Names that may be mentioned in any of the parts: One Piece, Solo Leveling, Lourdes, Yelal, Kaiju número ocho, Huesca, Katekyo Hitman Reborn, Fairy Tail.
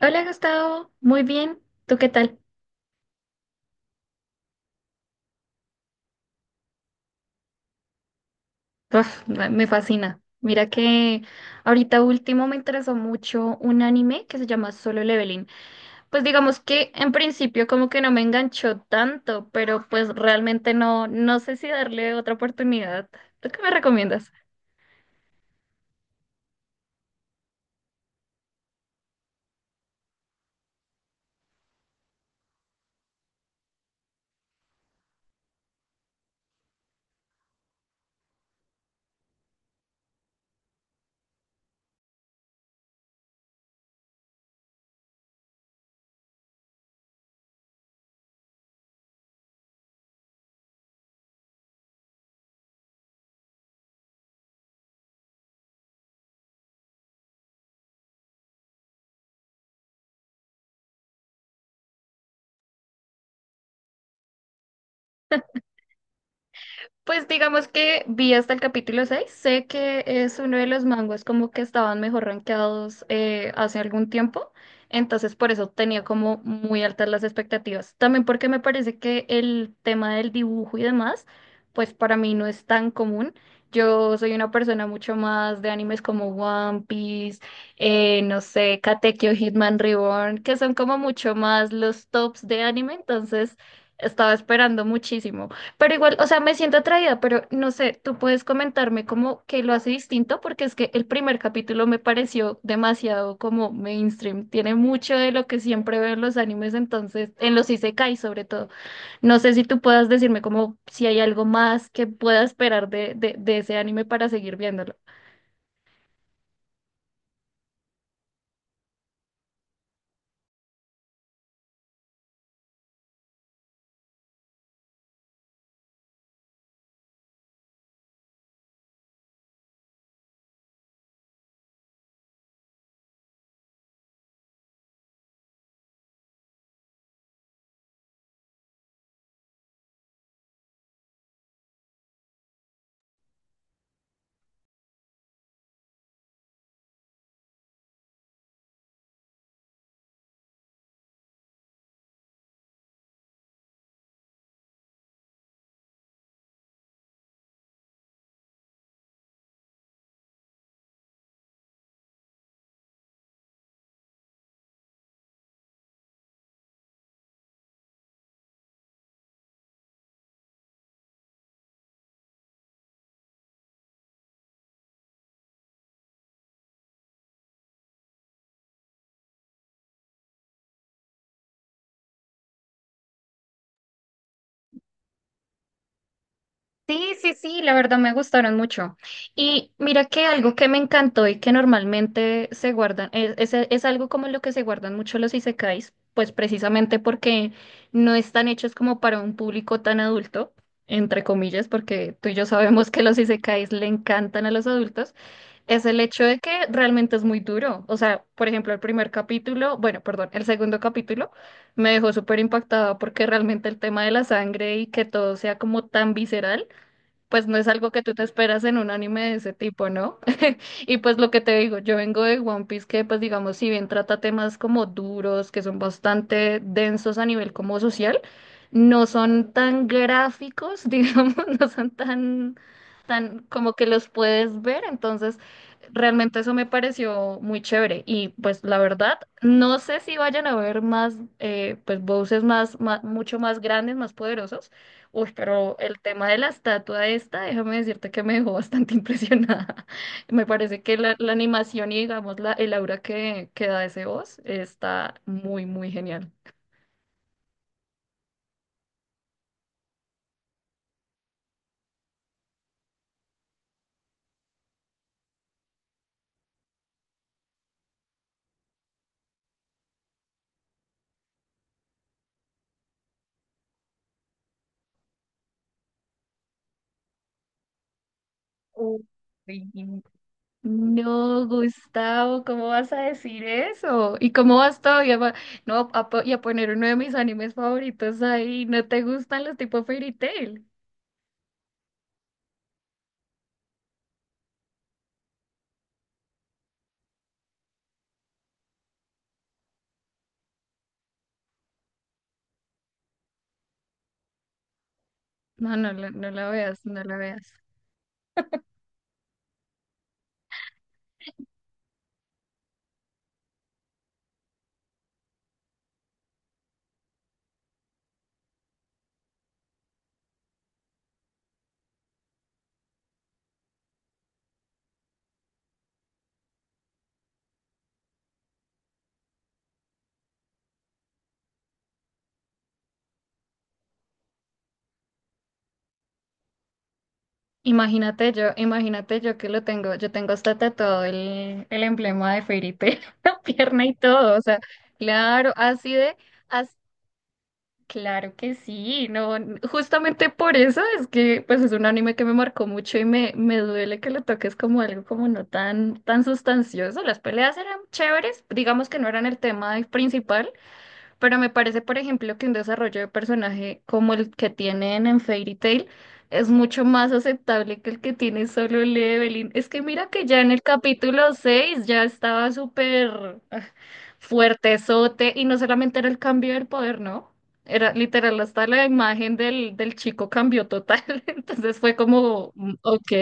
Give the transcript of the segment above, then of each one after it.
Hola Gustavo, muy bien. ¿Tú qué tal? Uf, me fascina. Mira que ahorita último me interesó mucho un anime que se llama Solo Leveling. Pues digamos que en principio como que no me enganchó tanto, pero pues realmente no sé si darle otra oportunidad. ¿Tú qué me recomiendas? Pues digamos que vi hasta el capítulo 6. Sé que es uno de los manguas como que estaban mejor rankeados hace algún tiempo, entonces por eso tenía como muy altas las expectativas. También porque me parece que el tema del dibujo y demás, pues para mí no es tan común. Yo soy una persona mucho más de animes como One Piece, no sé, Katekyo Hitman Reborn, que son como mucho más los tops de anime, entonces estaba esperando muchísimo. Pero igual, o sea, me siento atraída, pero no sé, tú puedes comentarme como que lo hace distinto, porque es que el primer capítulo me pareció demasiado como mainstream. Tiene mucho de lo que siempre veo en los animes, entonces, en los isekai sobre todo. No sé si tú puedas decirme como si hay algo más que pueda esperar de ese anime para seguir viéndolo. Sí, sí, sí, la verdad me gustaron mucho. Y mira que algo que me encantó y que normalmente se guardan, es algo como lo que se guardan mucho los isekais, pues precisamente porque no están hechos como para un público tan adulto, entre comillas, porque tú y yo sabemos que los isekais le encantan a los adultos, es el hecho de que realmente es muy duro. O sea, por ejemplo, el primer capítulo, bueno, perdón, el segundo capítulo me dejó súper impactada porque realmente el tema de la sangre y que todo sea como tan visceral pues no es algo que tú te esperas en un anime de ese tipo, ¿no? Y pues lo que te digo, yo vengo de One Piece que pues digamos, si bien trata temas como duros, que son bastante densos a nivel como social, no son tan gráficos, digamos, no son tan como que los puedes ver, entonces realmente eso me pareció muy chévere y pues la verdad, no sé si vayan a ver más, pues voces mucho más grandes, más poderosos. Uy, pero el tema de la estatua esta, déjame decirte que me dejó bastante impresionada. Me parece que la animación y digamos el aura que da ese voz está muy, muy genial. Uy, sí. No, Gustavo, ¿cómo vas a decir eso? ¿Y cómo vas todavía no, y a poner uno de mis animes favoritos ahí? ¿No te gustan los tipo Fairy Tail? No, no, no la veas, no la veas. Imagínate yo que lo tengo, yo tengo hasta tatuado el emblema de Fairy Tail, en la pierna y todo, o sea, claro, as- claro que sí, no, justamente por eso es que, pues es un anime que me marcó mucho y me duele que lo toques como algo como no tan sustancioso, las peleas eran chéveres, digamos que no eran el tema principal, pero me parece, por ejemplo, que un desarrollo de personaje como el que tienen en Fairy Tail es mucho más aceptable que el que tiene solo Evelyn. Es que mira que ya en el capítulo 6 ya estaba súper fuertezote y no solamente era el cambio del poder, ¿no? Era literal, hasta la imagen del chico cambió total. Entonces fue como, ok,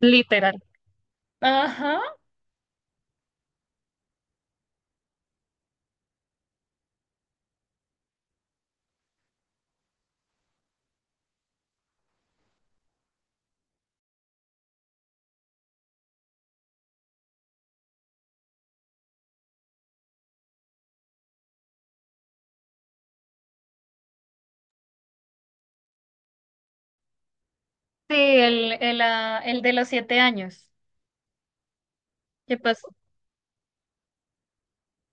literal. Ajá. Sí, el de los 7 años. ¿Qué pasó?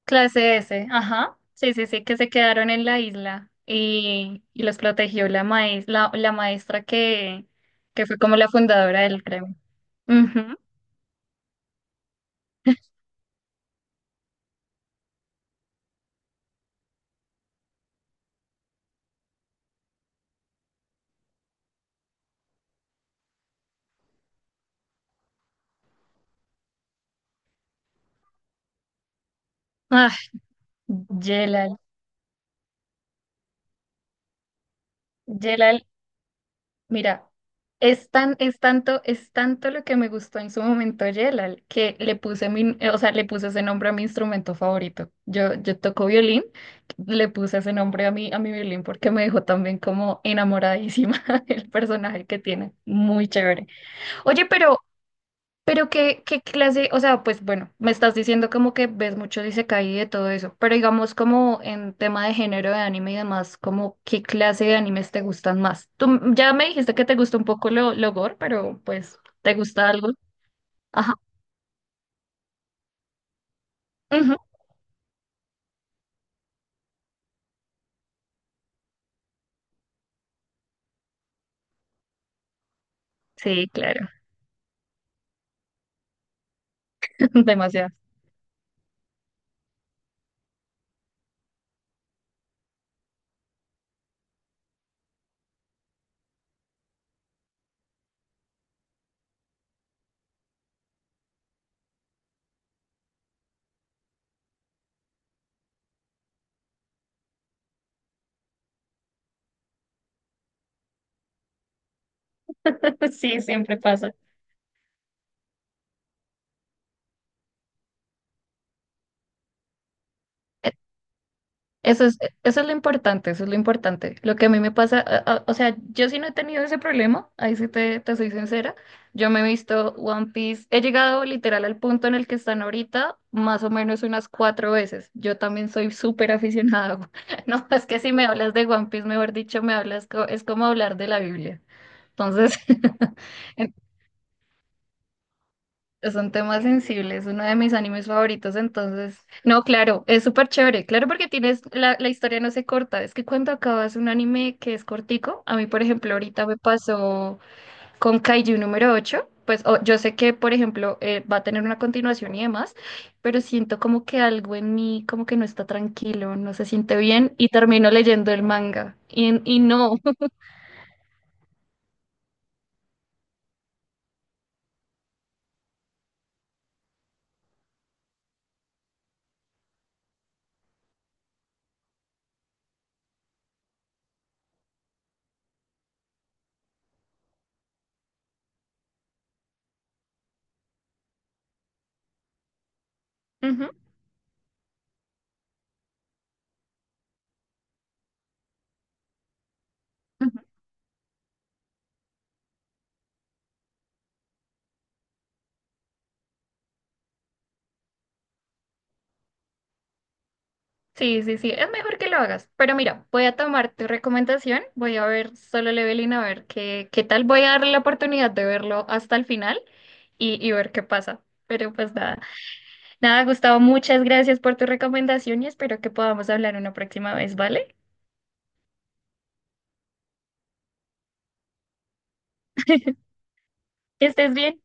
Clase S, ajá. Sí, sí, sí, que se quedaron en la isla y los protegió la maestra que fue como la fundadora del gremio. Ujú. Ah, Yelal. Mira, es tanto lo que me gustó en su momento Yelal, que le puse o sea, le puse ese nombre a mi instrumento favorito. Yo toco violín, le puse ese nombre a mi violín porque me dejó también como enamoradísima el personaje que tiene. Muy chévere. Oye, pero qué clase, o sea, pues bueno, me estás diciendo como que ves mucho Isekai y de todo eso, pero digamos como en tema de género de anime y demás, como qué clase de animes te gustan más. Tú ya me dijiste que te gusta un poco lo gore, pero pues, ¿te gusta algo? Ajá. Ujú. Sí, claro, demasiado. Sí, siempre pasa. Eso es, eso es lo importante, eso es lo importante. Lo que a mí me pasa, o sea, yo sí no he tenido ese problema, ahí sí te soy sincera. Yo me he visto One Piece, he llegado literal al punto en el que están ahorita, más o menos unas cuatro veces. Yo también soy súper aficionada. No, es que si me hablas de One Piece, mejor dicho, me hablas, es como hablar de la Biblia. Entonces, son temas sensibles, uno de mis animes favoritos, entonces, no, claro, es súper chévere, claro porque tienes, la historia no se corta, es que cuando acabas un anime que es cortico, a mí por ejemplo ahorita me pasó con Kaiju número 8 pues yo sé que por ejemplo va a tener una continuación y demás, pero siento como que algo en mí como que no está tranquilo, no se siente bien y termino leyendo el manga y no. Ujú. Sí, sí, sí, es mejor que lo hagas. Pero mira, voy a tomar tu recomendación, voy a ver Solo Leveling a ver qué, qué tal, voy a darle la oportunidad de verlo hasta el final y ver qué pasa. Pero pues nada, Gustavo, muchas gracias por tu recomendación y espero que podamos hablar una próxima vez, ¿vale? Que estés bien.